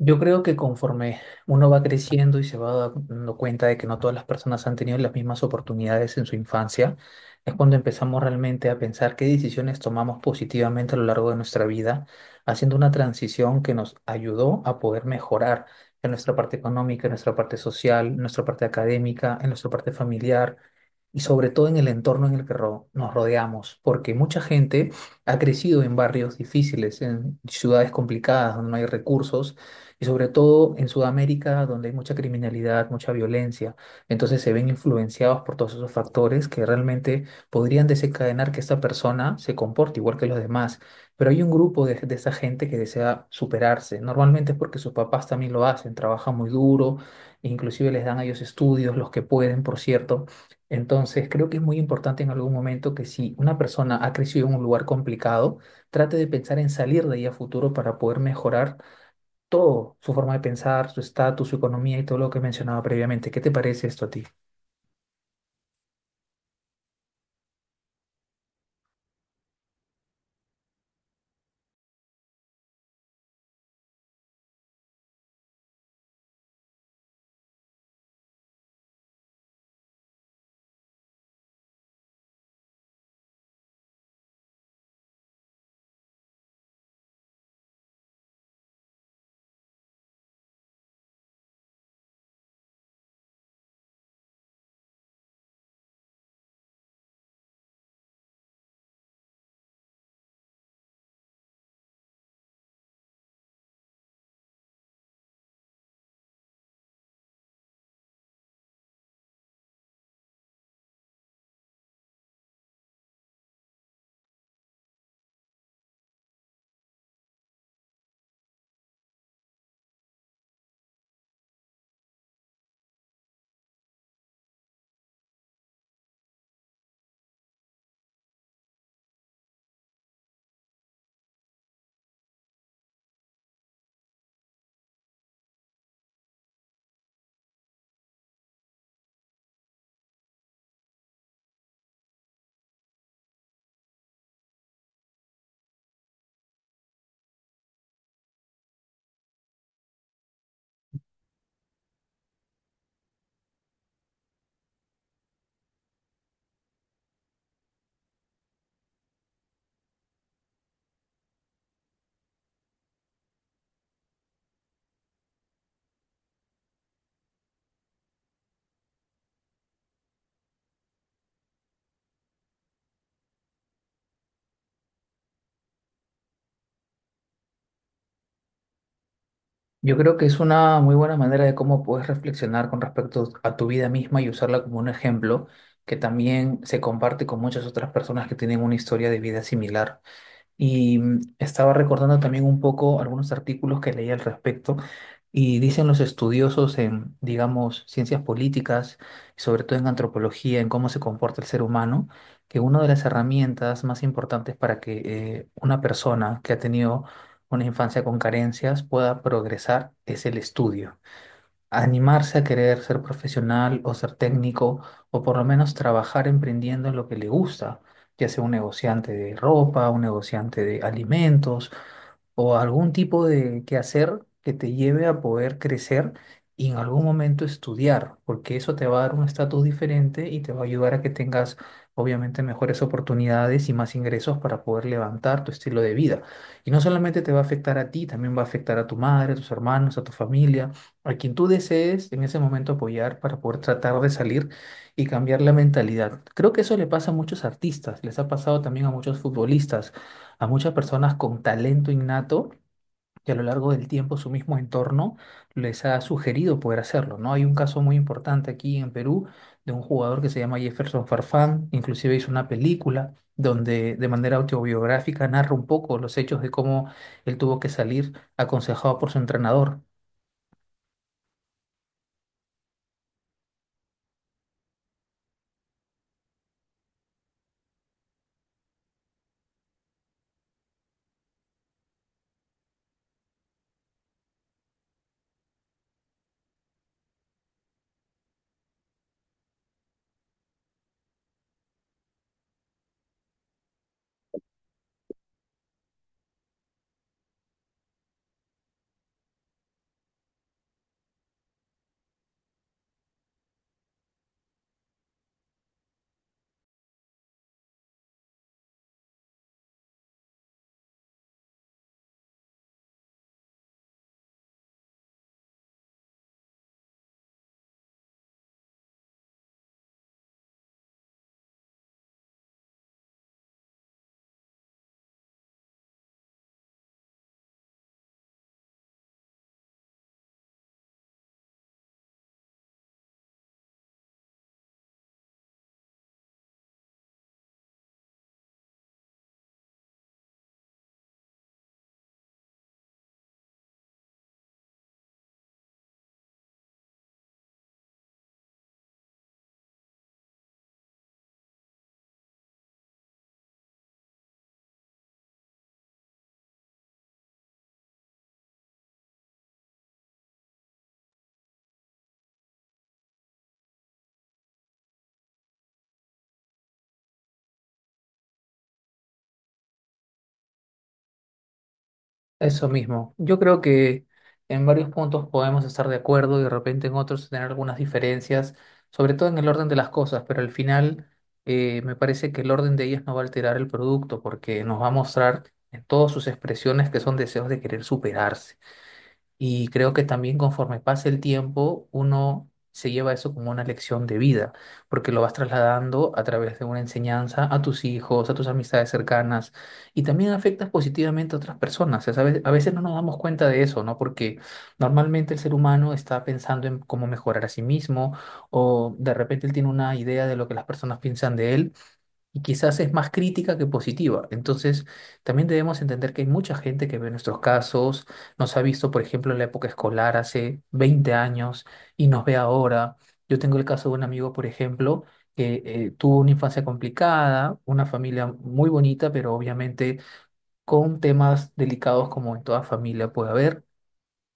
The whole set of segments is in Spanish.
Yo creo que conforme uno va creciendo y se va dando cuenta de que no todas las personas han tenido las mismas oportunidades en su infancia, es cuando empezamos realmente a pensar qué decisiones tomamos positivamente a lo largo de nuestra vida, haciendo una transición que nos ayudó a poder mejorar en nuestra parte económica, en nuestra parte social, en nuestra parte académica, en nuestra parte familiar y sobre todo en el entorno en el que nos rodeamos, porque mucha gente ha crecido en barrios difíciles, en ciudades complicadas donde no hay recursos y sobre todo en Sudamérica, donde hay mucha criminalidad, mucha violencia. Entonces se ven influenciados por todos esos factores que realmente podrían desencadenar que esta persona se comporte igual que los demás. Pero hay un grupo de esa gente que desea superarse. Normalmente es porque sus papás también lo hacen, trabajan muy duro, inclusive les dan a ellos estudios, los que pueden, por cierto. Entonces, creo que es muy importante en algún momento que, si una persona ha crecido en un lugar complicado, trate de pensar en salir de ahí a futuro para poder mejorar todo: su forma de pensar, su estatus, su economía y todo lo que mencionaba previamente. ¿Qué te parece esto a ti? Yo creo que es una muy buena manera de cómo puedes reflexionar con respecto a tu vida misma y usarla como un ejemplo que también se comparte con muchas otras personas que tienen una historia de vida similar. Y estaba recordando también un poco algunos artículos que leí al respecto, y dicen los estudiosos en, digamos, ciencias políticas, y sobre todo en antropología, en cómo se comporta el ser humano, que una de las herramientas más importantes para que una persona que ha tenido una infancia con carencias pueda progresar es el estudio, animarse a querer ser profesional o ser técnico, o por lo menos trabajar emprendiendo en lo que le gusta, ya sea un negociante de ropa, un negociante de alimentos, o algún tipo de quehacer que te lleve a poder crecer y en algún momento estudiar, porque eso te va a dar un estatus diferente y te va a ayudar a que tengas obviamente mejores oportunidades y más ingresos para poder levantar tu estilo de vida. Y no solamente te va a afectar a ti, también va a afectar a tu madre, a tus hermanos, a tu familia, a quien tú desees en ese momento apoyar para poder tratar de salir y cambiar la mentalidad. Creo que eso le pasa a muchos artistas, les ha pasado también a muchos futbolistas, a muchas personas con talento innato, que a lo largo del tiempo su mismo entorno les ha sugerido poder hacerlo, ¿no? Hay un caso muy importante aquí en Perú de un jugador que se llama Jefferson Farfán, inclusive hizo una película donde, de manera autobiográfica, narra un poco los hechos de cómo él tuvo que salir aconsejado por su entrenador. Eso mismo. Yo creo que en varios puntos podemos estar de acuerdo y de repente en otros tener algunas diferencias, sobre todo en el orden de las cosas, pero al final me parece que el orden de ellas no va a alterar el producto, porque nos va a mostrar en todas sus expresiones que son deseos de querer superarse. Y creo que también, conforme pasa el tiempo, uno se lleva eso como una lección de vida, porque lo vas trasladando a través de una enseñanza a tus hijos, a tus amistades cercanas, y también afectas positivamente a otras personas. O sea, a veces no nos damos cuenta de eso, ¿no? Porque normalmente el ser humano está pensando en cómo mejorar a sí mismo, o de repente él tiene una idea de lo que las personas piensan de él, y quizás es más crítica que positiva. Entonces, también debemos entender que hay mucha gente que ve nuestros casos, nos ha visto, por ejemplo, en la época escolar hace 20 años, y nos ve ahora. Yo tengo el caso de un amigo, por ejemplo, que tuvo una infancia complicada, una familia muy bonita, pero obviamente con temas delicados, como en toda familia puede haber.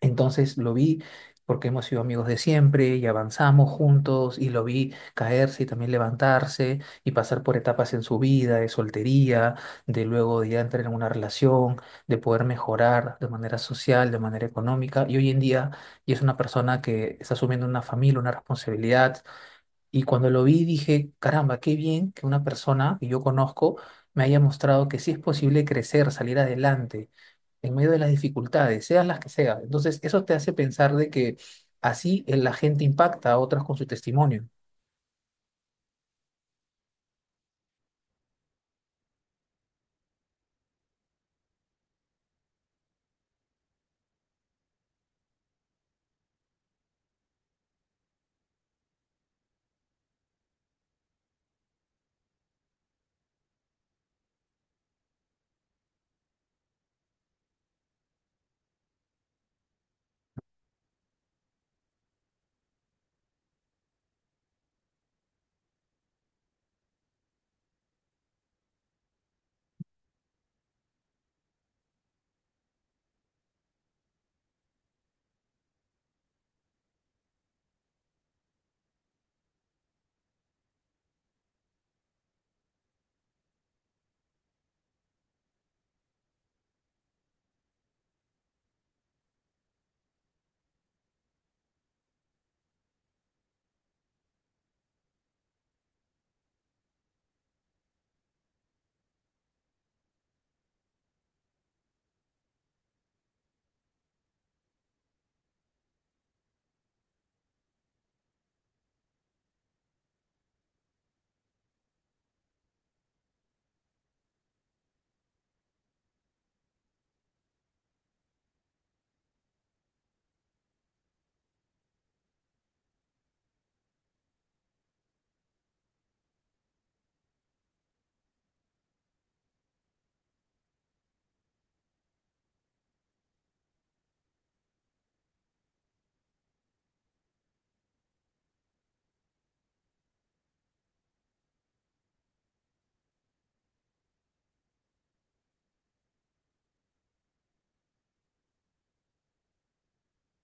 Entonces lo vi, porque hemos sido amigos de siempre y avanzamos juntos, y lo vi caerse y también levantarse y pasar por etapas en su vida, de soltería, de luego de ya entrar en una relación, de poder mejorar de manera social, de manera económica, y hoy en día ya es una persona que está asumiendo una familia, una responsabilidad. Y cuando lo vi dije: caramba, qué bien que una persona que yo conozco me haya mostrado que sí es posible crecer, salir adelante en medio de las dificultades, sean las que sean. Entonces, eso te hace pensar de que así, la gente impacta a otras con su testimonio.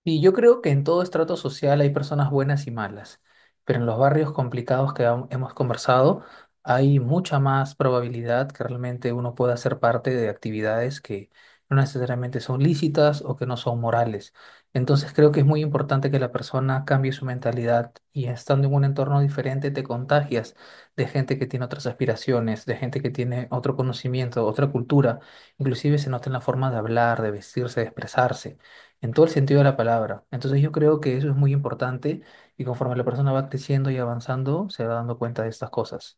Y yo creo que en todo estrato social hay personas buenas y malas, pero en los barrios complicados que hemos conversado hay mucha más probabilidad que realmente uno pueda ser parte de actividades que no necesariamente son lícitas o que no son morales. Entonces creo que es muy importante que la persona cambie su mentalidad, y estando en un entorno diferente te contagias de gente que tiene otras aspiraciones, de gente que tiene otro conocimiento, otra cultura. Inclusive se nota en la forma de hablar, de vestirse, de expresarse, en todo el sentido de la palabra. Entonces yo creo que eso es muy importante, y conforme la persona va creciendo y avanzando, se va dando cuenta de estas cosas.